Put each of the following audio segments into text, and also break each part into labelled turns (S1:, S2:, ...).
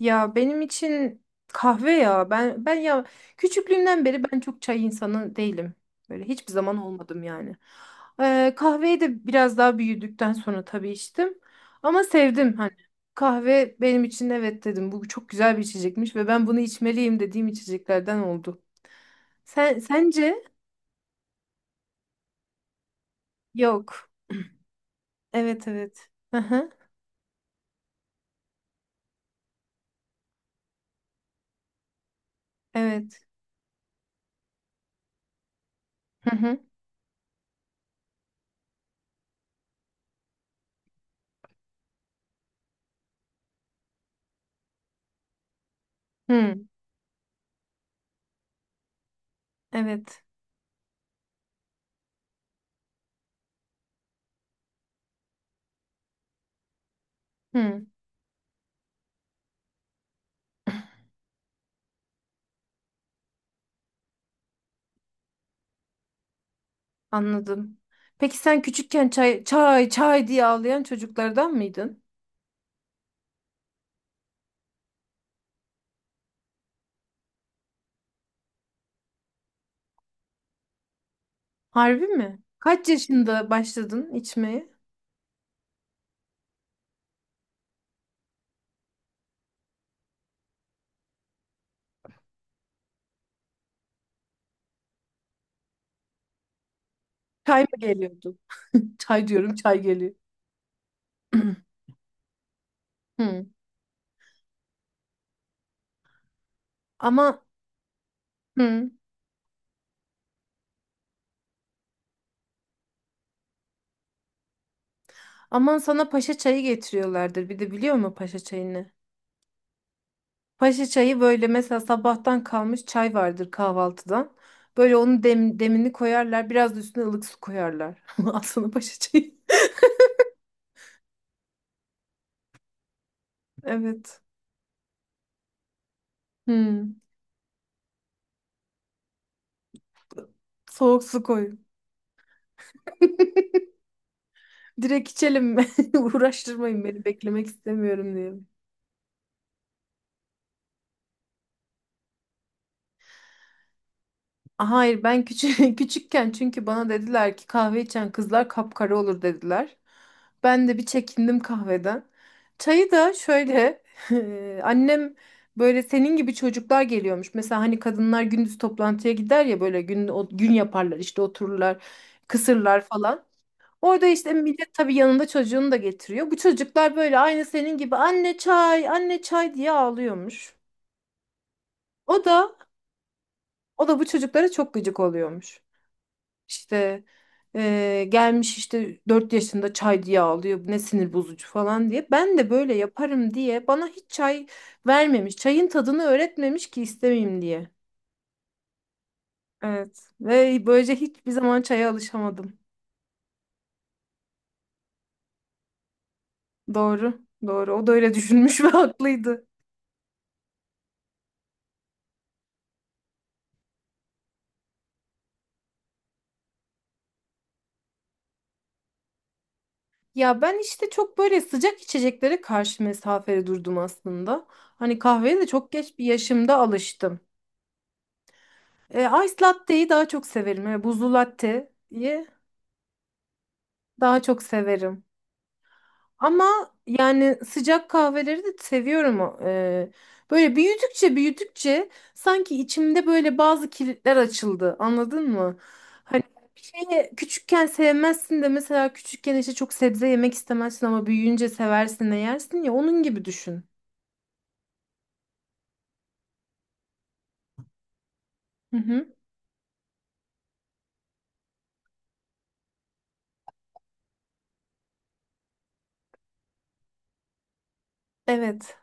S1: Ya benim için kahve ya. Ben ya küçüklüğümden beri ben çok çay insanı değilim. Böyle hiçbir zaman olmadım yani. Kahveyi de biraz daha büyüdükten sonra tabii içtim. Ama sevdim hani. Kahve benim için evet dedim. Bu çok güzel bir içecekmiş ve ben bunu içmeliyim dediğim içeceklerden oldu. Sen sence? Yok. Evet, evet. Hı hı. Evet. Hı hı. Hı. Evet. Hı. Anladım. Peki sen küçükken çay çay çay diye ağlayan çocuklardan mıydın? Harbi mi? Kaç yaşında başladın içmeye? Çay mı geliyordu? Çay diyorum, çay geliyor. Hı. Ama hı. Aman sana paşa çayı getiriyorlardır. Bir de biliyor musun paşa çayını? Paşa çayı böyle mesela sabahtan kalmış çay vardır kahvaltıdan. Böyle onun demini koyarlar. Biraz da üstüne ılık su koyarlar. Al sana paşa çayı. Evet. Hı. Soğuk su koy. Direkt içelim mi? Uğraştırmayın beni, beklemek istemiyorum diyorum. Hayır, ben küçük küçükken çünkü bana dediler ki kahve içen kızlar kapkara olur dediler. Ben de bir çekindim kahveden. Çayı da şöyle annem böyle senin gibi çocuklar geliyormuş. Mesela hani kadınlar gündüz toplantıya gider ya böyle gün gün yaparlar işte otururlar, kısırlar falan. Orada işte millet tabii yanında çocuğunu da getiriyor. Bu çocuklar böyle aynı senin gibi anne çay, anne çay diye ağlıyormuş. O da, o da bu çocuklara çok gıcık oluyormuş. İşte gelmiş işte 4 yaşında çay diye ağlıyor. Ne sinir bozucu falan diye. Ben de böyle yaparım diye bana hiç çay vermemiş. Çayın tadını öğretmemiş ki istemeyeyim diye. Evet. Ve böylece hiçbir zaman çaya alışamadım. Doğru. Doğru. O da öyle düşünmüş ve haklıydı. Ya ben işte çok böyle sıcak içeceklere karşı mesafeli durdum aslında. Hani kahveye de çok geç bir yaşımda alıştım. E, ice latte'yi daha çok severim. Yani buzlu latte'yi daha çok severim. Ama yani sıcak kahveleri de seviyorum. O. E, böyle büyüdükçe büyüdükçe sanki içimde böyle bazı kilitler açıldı. Anladın mı? Hani bir şeyi küçükken sevmezsin de mesela küçükken işte çok sebze yemek istemezsin ama büyüyünce seversin de yersin ya, onun gibi düşün. Hı hı. Evet.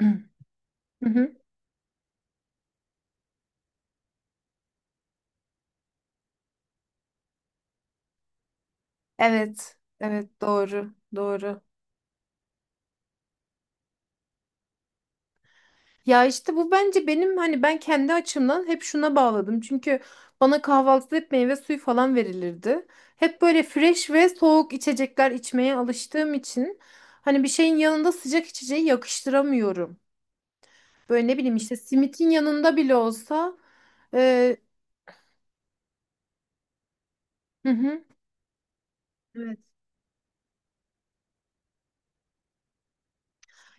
S1: Hı hı. Evet. Evet, doğru. Doğru. Ya işte bu bence benim hani ben kendi açımdan hep şuna bağladım. Çünkü bana kahvaltıda hep meyve suyu falan verilirdi. Hep böyle fresh ve soğuk içecekler içmeye alıştığım için hani bir şeyin yanında sıcak içeceği yakıştıramıyorum. Böyle ne bileyim işte simitin yanında bile olsa e, hı hı. Evet.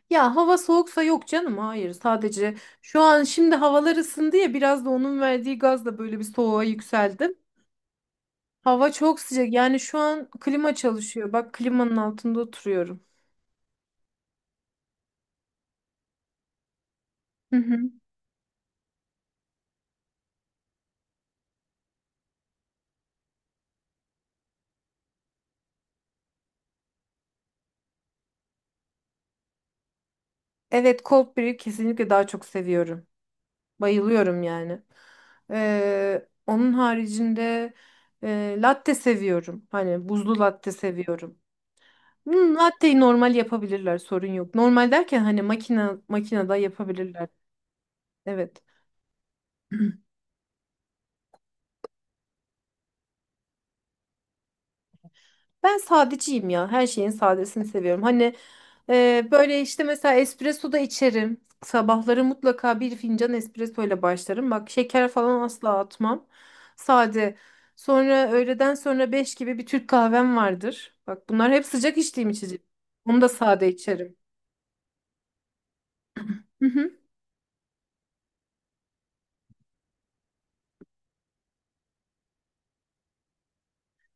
S1: Ya hava soğuksa yok canım, hayır, sadece şu an, şimdi havalar ısındı ya, biraz da onun verdiği gazla böyle bir soğuğa yükseldim. Hava çok sıcak. Yani şu an klima çalışıyor. Bak klimanın altında oturuyorum. Hı hı. Evet, cold brew kesinlikle daha çok seviyorum. Bayılıyorum yani. Onun haricinde latte seviyorum. Hani buzlu latte seviyorum. Hmm, latteyi normal yapabilirler, sorun yok. Normal derken hani makinede yapabilirler. Evet. Ben sadeciyim ya. Her şeyin sadesini seviyorum. Hani böyle işte mesela espresso da içerim. Sabahları mutlaka bir fincan espresso ile başlarım. Bak şeker falan asla atmam. Sade. Sonra öğleden sonra 5 gibi bir Türk kahvem vardır. Bak bunlar hep sıcak içtiğim içecek. Onu da sade içerim. Hı hı.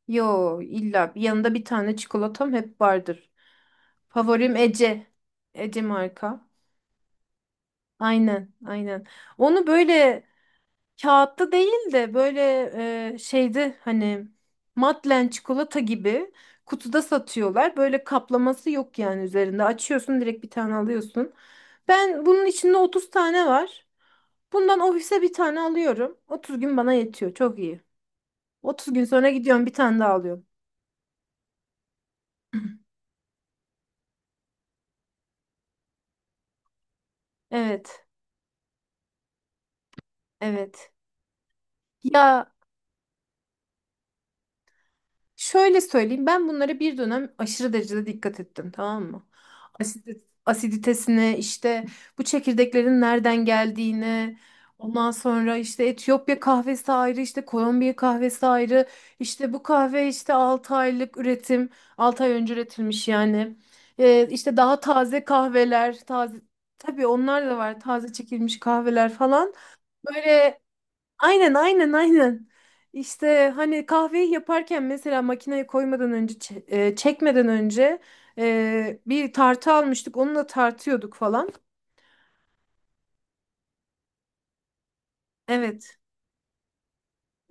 S1: Yo, illa yanında bir tane çikolatam hep vardır. Favorim Ece. Ece marka. Aynen, aynen. Onu böyle kağıtta değil de böyle şeydi hani, Madlen çikolata gibi kutuda satıyorlar. Böyle kaplaması yok yani üzerinde. Açıyorsun, direkt bir tane alıyorsun. Ben bunun içinde 30 tane var. Bundan ofise bir tane alıyorum. 30 gün bana yetiyor. Çok iyi. 30 gün sonra gidiyorum, bir tane daha alıyorum. Evet. Evet. Ya, şöyle söyleyeyim, ben bunlara bir dönem aşırı derecede dikkat ettim, tamam mı? Asiditesine işte bu çekirdeklerin nereden geldiğine, ondan sonra işte Etiyopya kahvesi ayrı, işte Kolombiya kahvesi ayrı, işte bu kahve işte 6 aylık üretim, 6 ay önce üretilmiş yani, işte daha taze kahveler, taze tabii onlar da var, taze çekilmiş kahveler falan. Böyle aynen, aynen, aynen. İşte hani kahveyi yaparken mesela makineye koymadan önce çekmeden önce bir tartı almıştık, onunla tartıyorduk falan. Evet.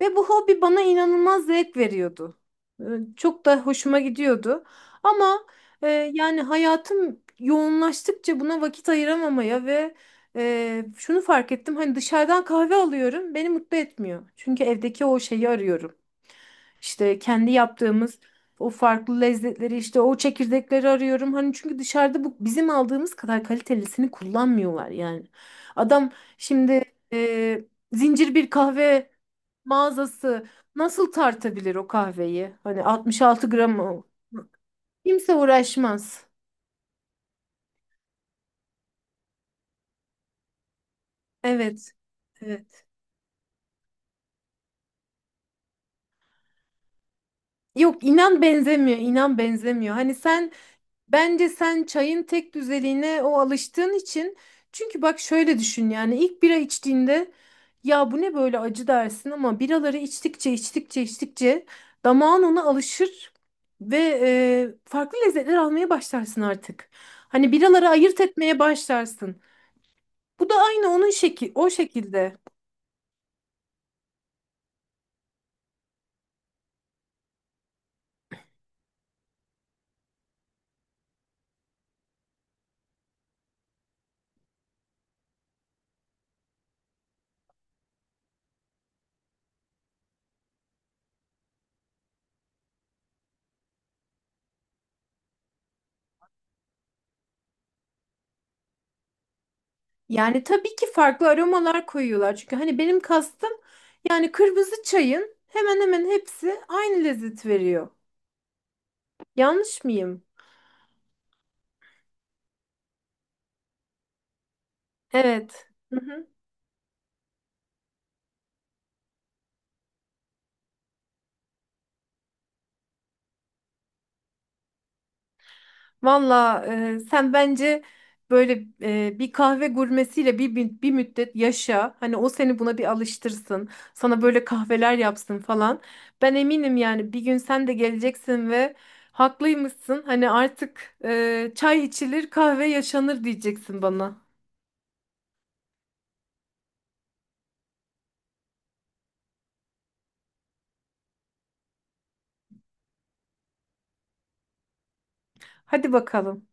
S1: Ve bu hobi bana inanılmaz zevk veriyordu. Ee, Çok da hoşuma gidiyordu. Ama yani hayatım yoğunlaştıkça buna vakit ayıramamaya ve şunu fark ettim. Hani dışarıdan kahve alıyorum, beni mutlu etmiyor. Çünkü evdeki o şeyi arıyorum. İşte kendi yaptığımız o farklı lezzetleri, işte o çekirdekleri arıyorum. Hani çünkü dışarıda bu bizim aldığımız kadar kalitelisini kullanmıyorlar yani. Adam şimdi e, zincir bir kahve mağazası nasıl tartabilir o kahveyi? Hani 66 gram o. Kimse uğraşmaz. Evet, evet. Yok, inan benzemiyor, inan benzemiyor. Hani sen, bence sen çayın tek düzeliğine o alıştığın için, çünkü bak şöyle düşün, yani ilk bira içtiğinde ya bu ne böyle acı dersin, ama biraları içtikçe, içtikçe, içtikçe damağın ona alışır ve farklı lezzetler almaya başlarsın artık. Hani biraları ayırt etmeye başlarsın. Bu da aynı onun o şekilde. Yani tabii ki farklı aromalar koyuyorlar. Çünkü hani benim kastım yani kırmızı çayın hemen hemen hepsi aynı lezzet veriyor. Yanlış mıyım? Evet. Hı hı. Valla sen bence böyle bir kahve gurmesiyle bir müddet yaşa. Hani o seni buna bir alıştırsın. Sana böyle kahveler yapsın falan. Ben eminim yani bir gün sen de geleceksin ve haklıymışsın. Hani artık çay içilir, kahve yaşanır diyeceksin bana. Hadi bakalım.